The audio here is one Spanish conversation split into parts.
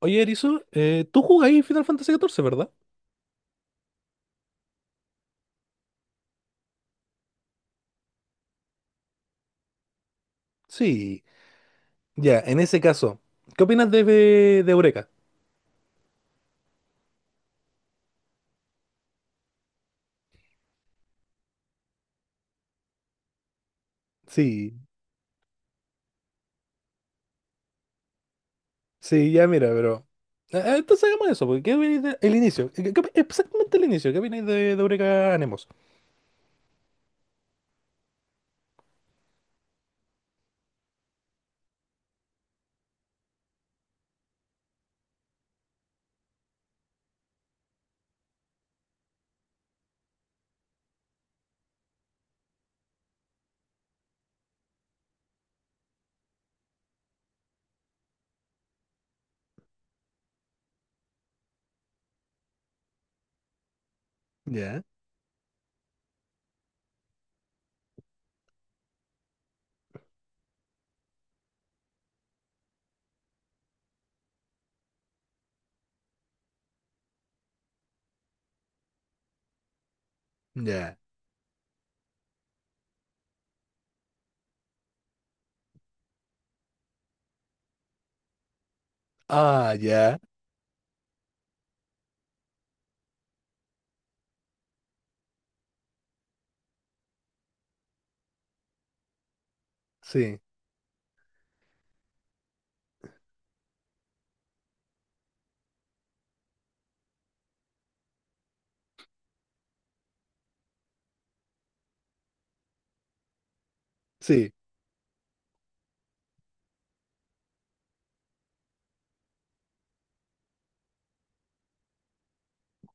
Oye, Erizo, tú jugáis Final Fantasy XIV, ¿verdad? Sí. Ya, en ese caso, ¿qué opinas de Eureka? Sí. Sí, ya mira, pero. Entonces hagamos eso, porque ¿qué opináis el inicio? Exactamente el inicio, ¿qué opináis de Eureka Anemos? Ya, ya. Ah, ya. Sí, sí,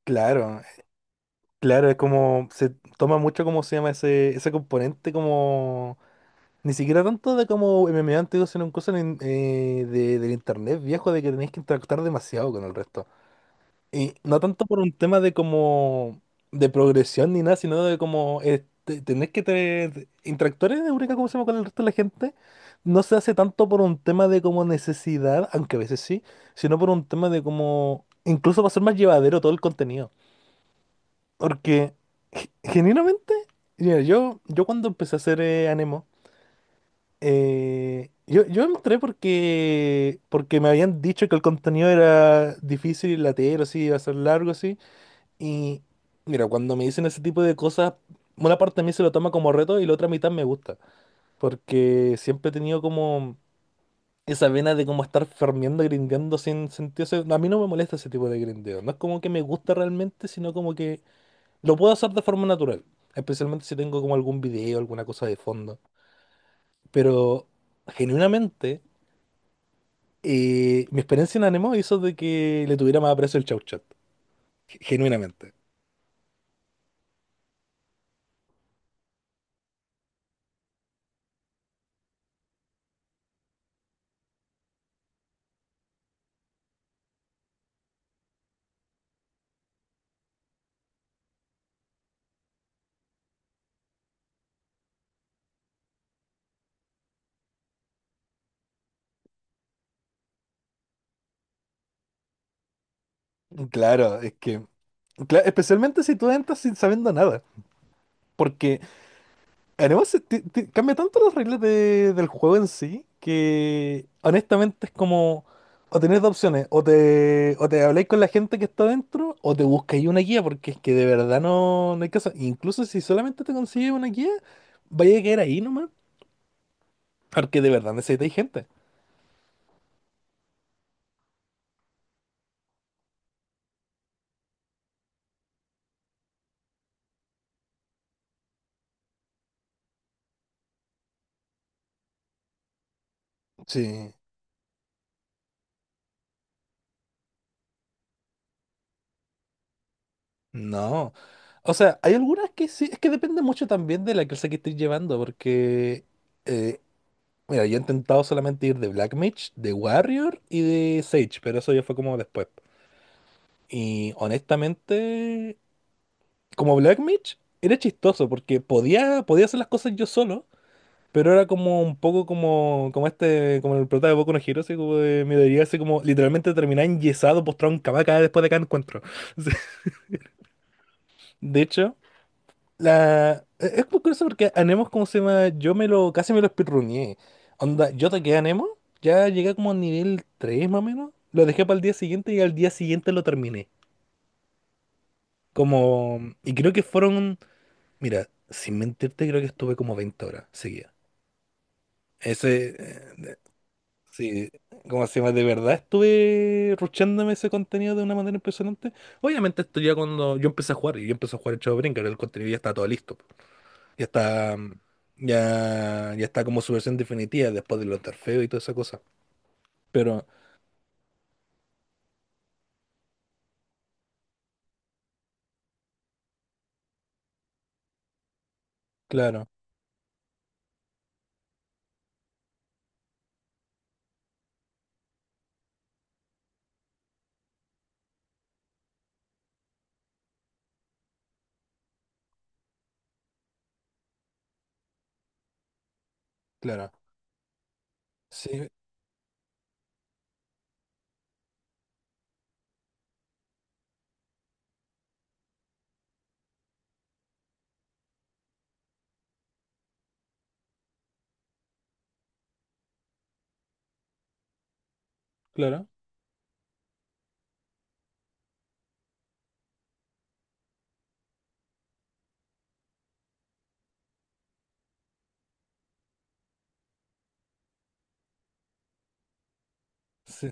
claro, claro, es como. Se toma mucho, como se llama, ese componente, como ni siquiera tanto de como MMA antiguo, sino un cosa del internet viejo, de que tenéis que interactuar demasiado con el resto. Y no tanto por un tema de como de progresión ni nada, sino de como tenés que interactuar en Eureka, como se llama, con el resto de la gente. No se hace tanto por un tema de como necesidad, aunque a veces sí, sino por un tema de como incluso va a ser más llevadero todo el contenido. Porque genuinamente, mira, yo cuando empecé a hacer Anemo, yo entré porque me habían dicho que el contenido era difícil y latero, así iba a ser largo, así. Y mira, cuando me dicen ese tipo de cosas, una parte de mí se lo toma como reto y la otra mitad me gusta. Porque siempre he tenido como esa vena de como estar farmeando, grindeando sin sentido. O sea, a mí no me molesta ese tipo de grindeo. No es como que me gusta realmente, sino como que lo puedo hacer de forma natural. Especialmente si tengo como algún video, alguna cosa de fondo. Pero genuinamente. Y mi experiencia en Anemo hizo de que le tuviera más aprecio el Chau Chat, genuinamente. Claro, es que, especialmente si tú entras sin sabiendo nada, porque Anemo cambia tanto las reglas del juego en sí que honestamente es como, o tenés dos opciones, o te habláis con la gente que está adentro, o te buscáis una guía, porque es que de verdad no hay caso. Incluso si solamente te consigues una guía, vaya a quedar ahí nomás, porque de verdad necesitáis gente. Sí. No. O sea, hay algunas que sí, es que depende mucho también de la clase que estés llevando, porque, eh, mira, yo he intentado solamente ir de Black Mage, de Warrior y de Sage, pero eso ya fue como después. Y honestamente, como Black Mage, era chistoso, porque podía hacer las cosas yo solo, pero era como un poco como, como este, como el prota de Boku no Hero, así como de, me daría así como literalmente terminar enyesado, postrado en cama cada después de cada encuentro. De hecho. Es muy curioso porque Anemo, ¿cómo se llama? Yo casi me lo speedruneé. Onda, yo toqué Anemo, ya llegué como a nivel 3 más o menos. Lo dejé para el día siguiente y al día siguiente lo terminé. Como. Y creo que fueron. Mira, sin mentirte, creo que estuve como 20 horas seguidas. Ese... eh, de- Sí, ¿cómo se llama? De verdad estuve ruchándome ese contenido de una manera impresionante. Obviamente esto ya cuando yo empecé a jugar, y yo empecé a jugar el Chavo Brincar, el contenido ya está todo listo. Ya está. Ya, ya está como su versión definitiva después de los Tarfeos y toda esa cosa. Pero, claro, claro, sí, claro, sí,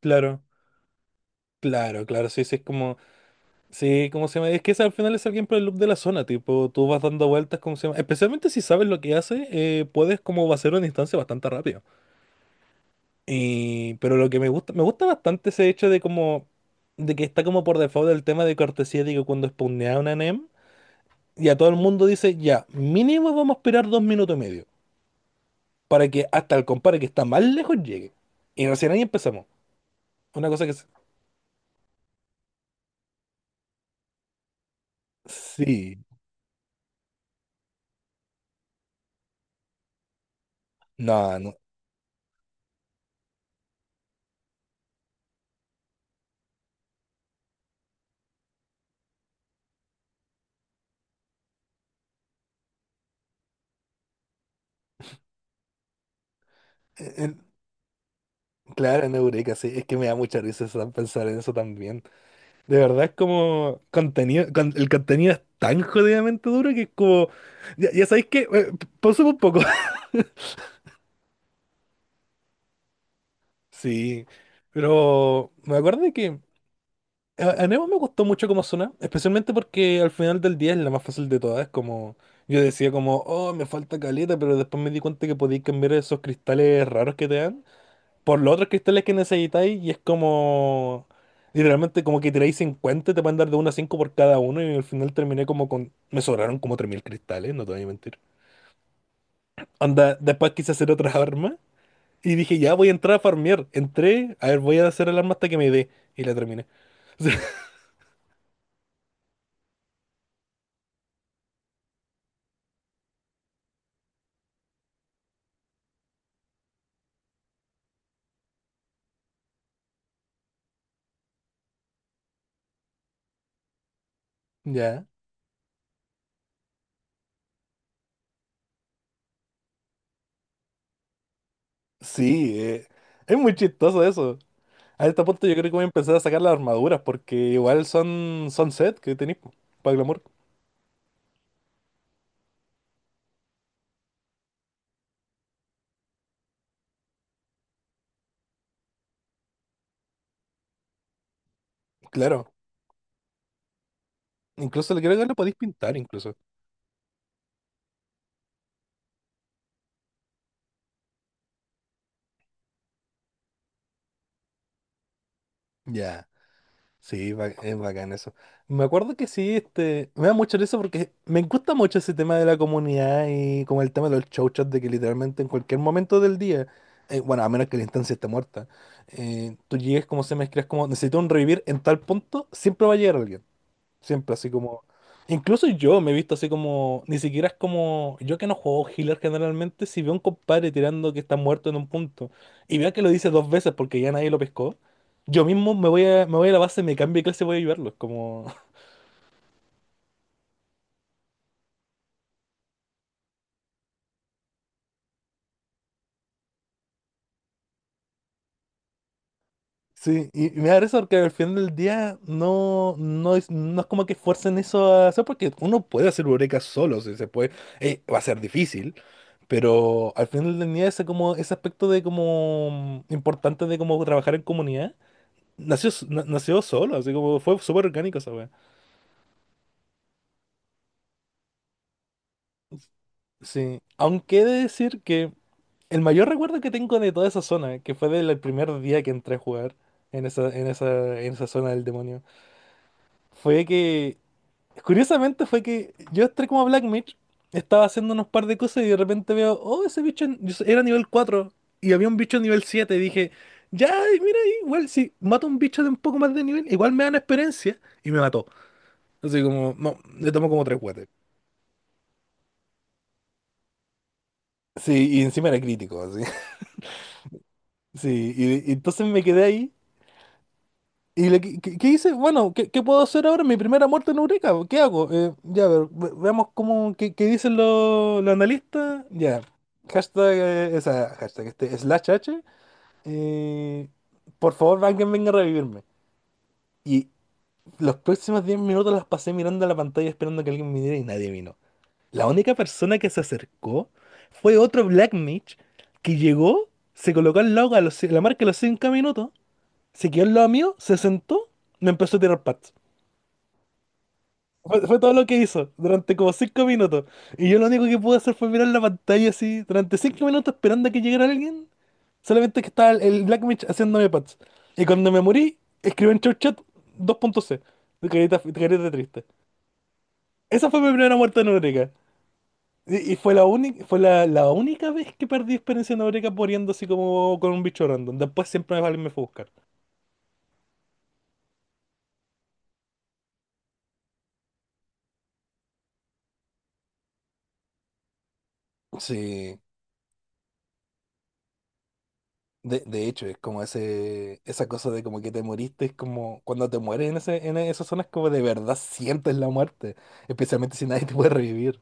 claro, claro, claro, sí, sí, es como, sí, ¿cómo se llama? Es que ese al final es alguien por el loop de la zona, tipo, tú vas dando vueltas, ¿cómo se llama? Especialmente si sabes lo que hace, puedes como hacer una instancia bastante rápido. Y, pero lo que me gusta bastante ese hecho de como, de que está como por default el tema de cortesía, digo, cuando spawnea una NEM. Y a todo el mundo dice, ya, mínimo vamos a esperar 2 minutos y medio para que hasta el compadre que está más lejos llegue. Y recién ahí empezamos. Una cosa que... es- Sí, no, no. Eh, eh, claro, en Eureka, sí. Es que me da mucha risa, pensar en eso también. De verdad es como contenido, el contenido es tan jodidamente duro que es como. Ya, ya sabéis que. Pausa un poco. Sí, pero me acuerdo de que a Nemo me gustó mucho como suena, especialmente porque al final del día es la más fácil de todas. Es como, yo decía como, oh, me falta caleta, pero después me di cuenta que podéis cambiar esos cristales raros que te dan por los otros cristales que necesitáis y es como, literalmente como que tiráis 50, te van a dar de 1 a 5 por cada uno y al final terminé como con, me sobraron como 3000 cristales, no te voy a mentir. Anda, después quise hacer otra arma y dije, ya voy a entrar a farmear. Entré, a ver, voy a hacer el arma hasta que me dé y la terminé. Ya. Sí, es muy chistoso eso. A este punto yo creo que voy a empezar a sacar las armaduras porque igual son, set que tenéis para glamour. Claro, incluso creo que lo podéis pintar incluso. Ya, sí, es bacán eso. Me acuerdo que sí, este, me da mucho eso porque me gusta mucho ese tema de la comunidad y como el tema de los show chats de que literalmente en cualquier momento del día, bueno, a menos que la instancia esté muerta, tú llegues como se mezclas como necesito un revivir en tal punto, siempre va a llegar alguien. Siempre así como. Incluso yo me he visto así como. Ni siquiera es como. Yo que no juego healer generalmente, si veo a un compadre tirando que está muerto en un punto y veo que lo dice 2 veces porque ya nadie lo pescó, yo mismo me voy a la base, me cambio de clase y voy a ayudarlo. Es como. Sí, y me da risa porque al final del día no, no es como que fuercen eso a hacer, porque uno puede hacer eureka solo, si se puede, va a ser difícil, pero al final del día ese, como, ese aspecto de como importante de como trabajar en comunidad. Nació solo, así como fue súper orgánico esa wea. Sí. Aunque he de decir que el mayor recuerdo que tengo de toda esa zona, que fue del primer día que entré a jugar en esa, en esa zona del demonio, fue que, curiosamente fue que yo entré como a Black Mage, estaba haciendo unos par de cosas y de repente veo, oh, ese bicho era nivel 4 y había un bicho nivel 7 y dije, ya, y mira, igual si mato a un bicho de un poco más de nivel, igual me dan experiencia y me mató. Así como, no, le tomó como tres. Sí, y encima era crítico, así. Sí, y entonces me quedé ahí. ¿Y qué hice? Bueno, qué puedo hacer ahora? Mi primera muerte en Eureka. ¿Qué hago? Ya, a ver, veamos cómo, qué dicen los analistas. Ya, hashtag, hashtag, slash H. eh, por favor, alguien venga a revivirme. Y los próximos 10 minutos las pasé mirando a la pantalla esperando que alguien viniera y nadie vino. La única persona que se acercó fue otro Black Mage que llegó, se colocó al lado la marca a los 5 minutos, se quedó al lado mío, se sentó, me empezó a tirar pats. Fue todo lo que hizo durante como 5 minutos. Y yo lo único que pude hacer fue mirar la pantalla así durante 5 minutos esperando a que llegara alguien. Solamente que estaba el Black Mage haciéndome pats. Y cuando me morí, escribí en Chow Chat dos punto c, de carita triste. Esa fue mi primera muerte en Eureka. Y fue la única, fue la, la única vez que perdí experiencia en Eureka poniendo así como con un bicho random. Después siempre alguien me fue a buscar. Sí, de hecho, es como ese, esa cosa de como que te moriste, es como cuando te mueres en ese, en esas zonas como de verdad sientes la muerte, especialmente si nadie te puede revivir.